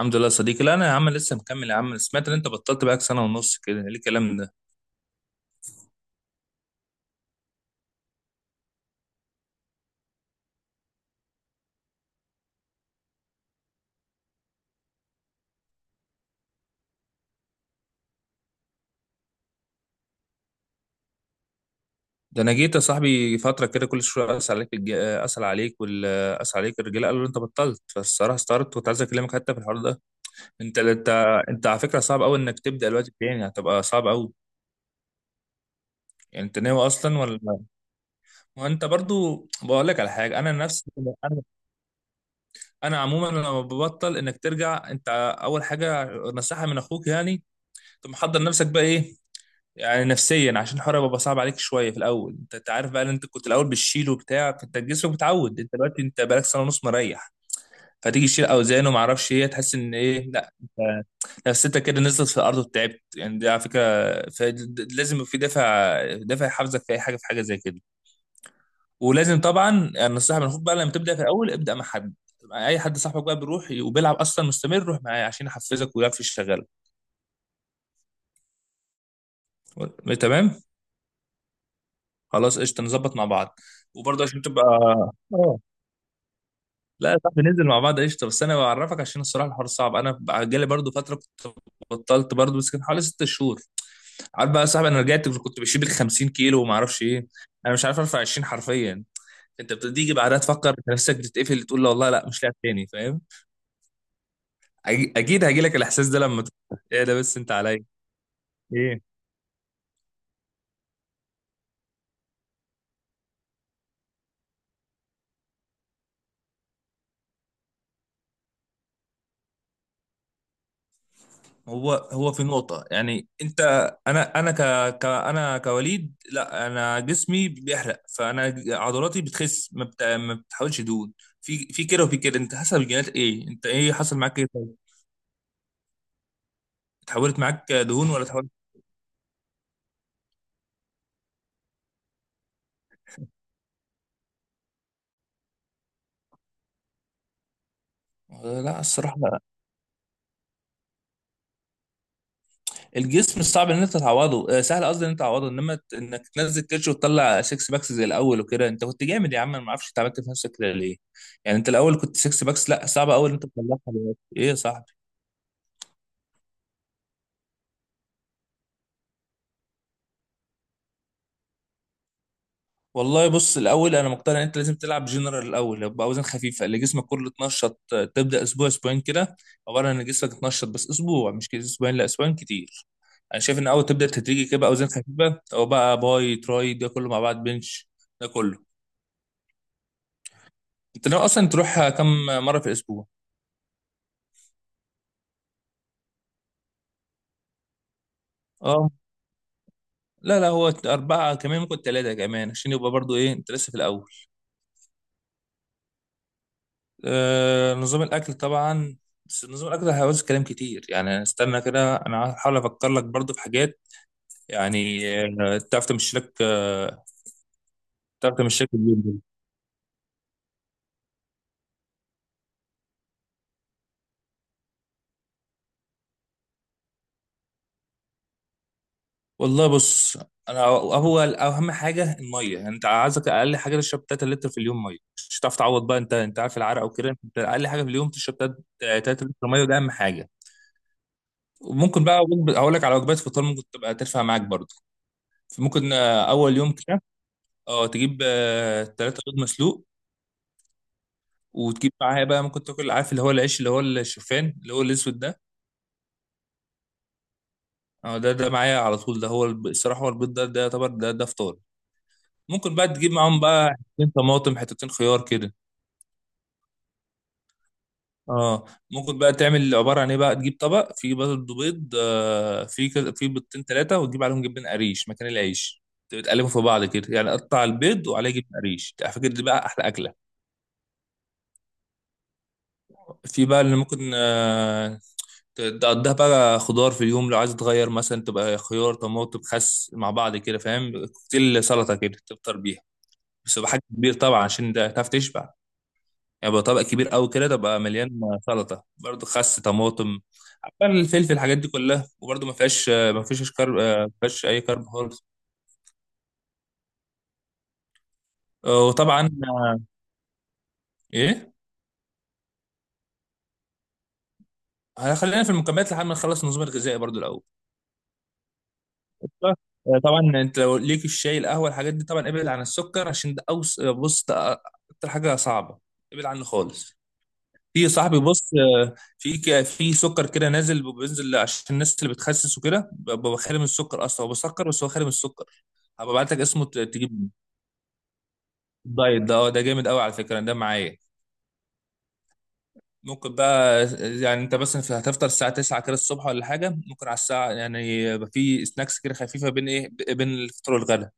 الحمد لله يا صديقي. لا انا يا عم لسه مكمل يا عم. سمعت ان انت بطلت بقى سنه ونص، كده ايه الكلام ده؟ ده انا جيت يا صاحبي فتره كده، كل شويه اسال عليك. الج... اسال عليك وال اسال عليك الرجاله، قالوا انت بطلت، فالصراحه استغربت، كنت عايز اكلمك حتى في الحوار ده. انت انت انت على فكره صعب قوي انك تبدا دلوقتي تاني، هتبقى صعب قوي. يعني انت ناوي اصلا ولا؟ وانت برضو بقول لك على حاجه انا نفسي انا. انا عموما لما ببطل، انك ترجع انت، اول حاجه نصيحه من اخوك يعني. انت محضر نفسك بقى ايه يعني نفسيا؟ عشان الحوار بقى صعب عليك شويه في الاول. انت عارف بقى ان انت كنت الاول بتشيل وبتاع، فانت جسمك متعود. انت دلوقتي انت بقالك سنه ونص مريح. فتيجي تشيل اوزان وما اعرفش ايه، تحس ان ايه، لا انت نفسيتك كده نزلت في الارض وتعبت يعني، دي على فكره. ف- لازم يبقى في دافع، دافع يحفزك في اي حاجه، في حاجه زي كده. ولازم طبعا النصيحه من المفروض بقى لما تبدا في الاول، ابدا مع حد، مع اي حد، صاحبك بقى بيروح وبيلعب اصلا مستمر، روح معاه عشان يحفزك ويعرف يشتغل. تمام. خلاص قشطه، نظبط مع بعض. وبرضه عشان تبقى اه لا يا صاحبي، ننزل مع بعض قشطه، بس انا بعرفك عشان الصراحه الحوار صعب. انا بقى جالي برضه فتره كنت بطلت برضه، بس كان حوالي ست شهور. عارف بقى يا صاحبي، انا رجعت كنت بشيل 50 كيلو وما اعرفش ايه، انا مش عارف ارفع 20 حرفيا. انت بتيجي بعدها تفكر في نفسك، بتتقفل، تقول لا والله لا، مش لاعب تاني، فاهم. اكيد هيجي لك الاحساس ده لما ايه ده بس انت عليا، ايه. هو هو في نقطة يعني انت، انا انا ك, ك انا كوليد، لا انا جسمي بيحرق، فانا عضلاتي بتخس، ما بتحاولش دهون. في كده وفي كده، انت حسب الجينات ايه، انت ايه حصل معاك ايه، طيب اتحولت معاك دهون ولا اتحولت؟ آه، لا الصراحة لا، الجسم صعب ان انت تعوضه، سهل قصدي ان انت تعوضه، انما انك تنزل كرش وتطلع سكس باكس زي الاول وكده، انت كنت جامد يا عم، انا ما اعرفش انت عملت في نفسك كده ليه. يعني انت الاول كنت سكس باكس، لا صعب قوي ان انت تطلعها دلوقتي. ايه يا صاحبي، والله بص، الاول انا مقتنع ان انت لازم تلعب جنرال الاول، يبقى اوزان خفيفه اللي جسمك كله اتنشط. تبدا اسبوع اسبوعين كده، عباره عن ان جسمك اتنشط، بس اسبوع مش كده، اسبوعين، لا اسبوعين كتير. انا شايف ان اول تبدا تدريجي كده بقى، اوزان خفيفه او بقى باي تراي، ده كله مع بعض، بنش، ده كله. انت ناوي اصلا تروح كم مره في الاسبوع؟ اه لا لا، هو اربعه، كمان ممكن ثلاثه، كمان عشان يبقى برضو ايه، انت لسه في الاول. نظام الاكل طبعا، بس نظام الاكل هيعوز كلام كتير يعني، استنى كده، انا هحاول افكر لك برضو في حاجات، يعني تعرف تمشي لك، تعرف تمشي لك اليوم ده. والله بص، انا هو اهم حاجه الميه، يعني انت عايزك اقل حاجه تشرب 3 لتر في اليوم ميه، مش هتعرف تعوض بقى، انت عارف العرق وكده، انت اقل حاجه في اليوم تشرب 3 لتر ميه، وده اهم حاجه. وممكن بقى هقول لك على وجبات فطار، ممكن تبقى ترفع معاك برضه، ممكن اول يوم كده، اه تجيب تلاتة بيض مسلوق، وتجيب معاها بقى، ممكن تاكل عارف اللي هو العيش اللي هو الشوفان اللي هو الاسود ده، اه ده معايا على طول، ده هو الصراحه هو البيض ده، ده يعتبر، ده ده فطار. ممكن بقى تجيب معاهم بقى حتتين طماطم حتتين خيار كده. اه ممكن بقى تعمل عباره عن ايه بقى، تجيب طبق فيه برضه بيض، فيه فيه بيضتين ثلاثه، وتجيب عليهم جبن قريش مكان العيش، تقلبهم في بعض كده، يعني قطع البيض وعليه جبن قريش، على فكره دي بقى احلى اكله. في بقى اللي ممكن تقضيها بقى خضار في اليوم لو عايز تغير، مثلا تبقى خيار طماطم خس مع بعض كده، فاهم، كوكتيل سلطه كده، تفطر بيها، بس يبقى حجم كبير طبعا عشان ده تعرف تشبع، يعني يبقى طبق كبير قوي كده تبقى مليان، سلطه برضه، خس طماطم عبال الفلفل، الحاجات دي كلها، وبرضه ما فيهاش، ما فيش كارب، ما فيهاش اي كارب خالص. وطبعا ايه، خلينا في المكملات لحد ما نخلص النظام الغذائي برضه الاول. طبعا انت لو ليك الشاي القهوه الحاجات دي، طبعا ابعد عن السكر، عشان ده بص ده اكتر حاجه صعبه، ابعد عنه خالص. في يا صاحبي بص، في في سكر كده نازل، بينزل عشان الناس اللي بتخسس وكده، ببقى خالي من السكر، اصلا هو بسكر بس هو خالي من السكر، هبقى ابعت لك اسمه تجيب منه. الدايت ده اه، ده جامد قوي على فكره، ده معايا. ممكن بقى يعني انت مثلا هتفطر الساعه 9 كده الصبح ولا حاجه، ممكن على الساعه يعني، يبقى في سناكس كده خفيفه بين ايه بين الفطار والغدا.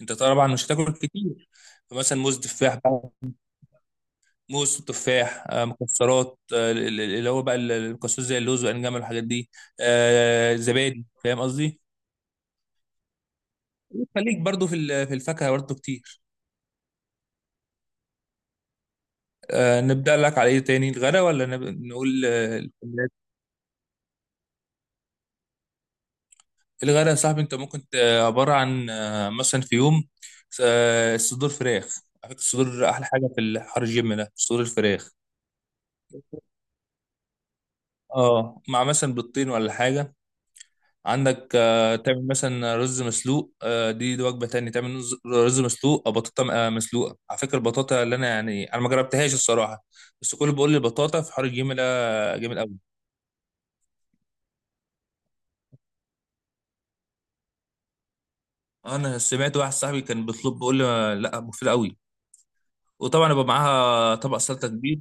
انت طبعا مش هتاكل كتير، فمثلا موز تفاح بقى، موز تفاح، مكسرات، آه، ال- ال- اللي هو بقى ال- المكسرات زي اللوز والانجام والحاجات دي، زبادي، فاهم قصدي. خليك برضو في الفاكهه برضو كتير. نبدا لك على ايه تاني، الغدا ولا نقول الحلويات؟ الغدا يا صاحبي انت ممكن عباره عن، مثلا في يوم صدور فراخ، على فكره الصدور احلى حاجه في الحر الجيم ده، صدور الفراخ، اه مع مثلا بيضتين ولا حاجه. عندك تعمل مثلا رز مسلوق، دي وجبه تانية، تعمل رز، مسلوق او بطاطا، مسلوقه. على فكره البطاطا، اللي انا يعني انا ما جربتهاش الصراحه، بس كل بيقول لي البطاطا في حوار الجيم ده جامد قوي. انا سمعت واحد صاحبي كان بيطلب بيقول لي لا، مفيد قوي. وطبعا يبقى معاها طبق سلطه كبير.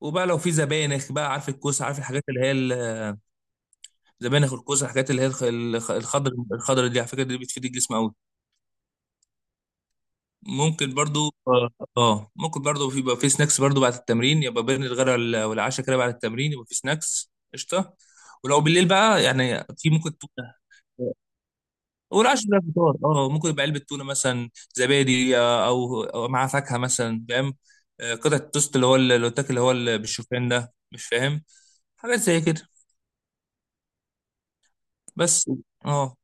وبقى لو في زبانخ بقى، عارف الكوسه، عارف الحاجات اللي هي زبانخ الكوسه، الحاجات اللي هي الخضر دي على فكره، دي بتفيد الجسم قوي. ممكن برضو اه، ممكن برضو يبقى في سناكس برضو بعد التمرين، يبقى بين الغداء والعشاء كده بعد التمرين، يبقى في سناكس قشطه. ولو بالليل بقى يعني، في ممكن تونه، والعشاء بقى فطار، اه ممكن يبقى علبه تونه مثلا، زبادي، او مع فاكهه مثلا، فاهم، قطعه توست، اللي هو اللي بتاكل، اللي بالشوفان ده، مش فاهم، حاجات زي كده. بس اه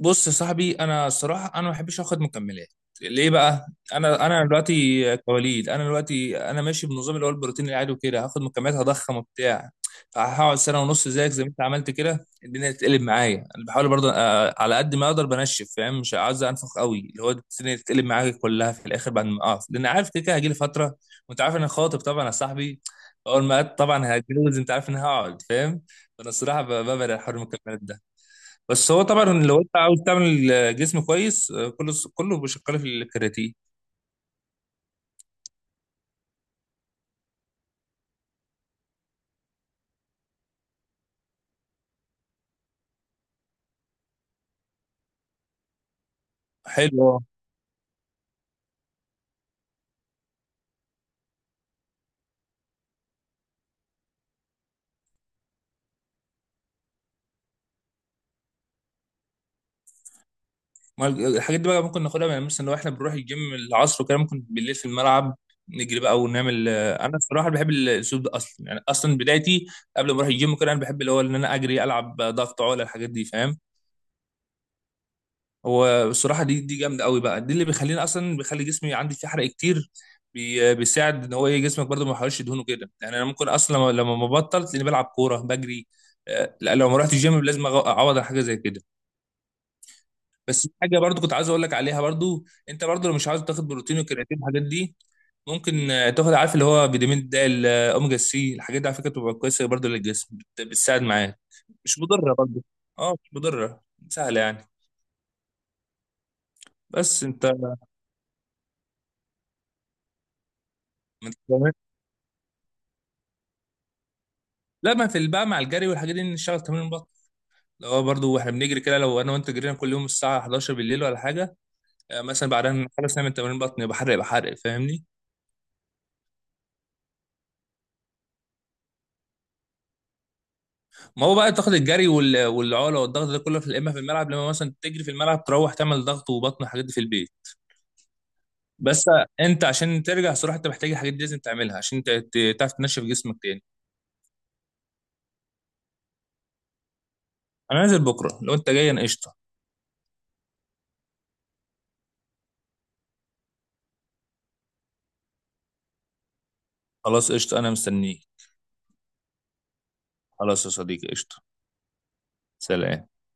بص يا صاحبي، انا الصراحه انا ما بحبش اخد مكملات. ليه بقى؟ انا دلوقتي كوليد، انا دلوقتي انا ماشي بنظام اللي هو البروتين العادي وكده، هاخد مكملات هضخم وبتاع، فهقعد سنه ونص زيك زي ما انت عملت كده، الدنيا تتقلب معايا. انا بحاول برضه على قد ما اقدر بنشف، فاهم، مش عايز انفخ قوي اللي هو الدنيا تتقلب معايا كلها في الاخر بعد ما اقف، لان عارف كده كده هجيلي فتره، وانت عارف إن انا خاطب طبعا يا صاحبي، اول ما طبعا هتجوز، انت عارف ان هقعد، فاهم، فانا الصراحه ببعد عن حوار المكملات ده. بس هو طبعا لو انت عاوز تعمل جسم كويس، كله كله بيشكل في الكرياتين. حلو اه، ما الحاجات دي بقى ممكن ناخدها، يعني مثلا لو احنا بنروح الجيم العصر وكده، ممكن بالليل في الملعب نجري بقى ونعمل انا الصراحه بحب الاسلوب ده اصلا، يعني اصلا بدايتي قبل ما اروح الجيم كده، انا بحب اللي هو ان انا اجري العب ضغط عقله الحاجات دي، فاهم، هو الصراحه دي جامده قوي بقى، دي اللي بيخليني اصلا بيخلي جسمي عندي فيه حرق كتير، بيساعد ان هو ايه، جسمك برضه ما يحرقش دهونه كده يعني، انا ممكن اصلا لما ما بطل تلاقيني بلعب كوره بجري. لا لو ما رحتش الجيم لازم اعوض على حاجه زي كده. بس في حاجه برضه كنت عايز اقول لك عليها برضه، انت برضه لو مش عاوز تاخد بروتين وكرياتين الحاجات دي، ممكن تاخد عارف اللي هو فيتامين د اوميجا سي، الحاجات دي على فكره بتبقى كويسه برضه للجسم، بتساعد معاك، مش مضره برضه. اه مش مضره، سهله يعني. بس انت، لا ما في بقى مع الجري والحاجات دي نشتغل تمرين بطن، اللي هو برضه واحنا بنجري كده، لو انا وانت جرينا كل يوم الساعه 11 بالليل ولا حاجه، مثلا بعدها نخلص نعمل تمرين بطن، يبقى حرق يبقى حرق، فاهمني. ما هو بقى تاخد الجري والعقله والضغط ده كله في، اما في الملعب لما مثلا تجري، في الملعب تروح تعمل ضغط وبطن والحاجات دي في البيت. بس انت عشان ترجع صراحه انت محتاج الحاجات دي، لازم تعملها عشان تعرف تنشف جسمك تاني. انا نازل بكره لو انت جاي انا قشطه. خلاص قشطه، انا مستنيك. خلاص يا صديقي قشطه. سلام.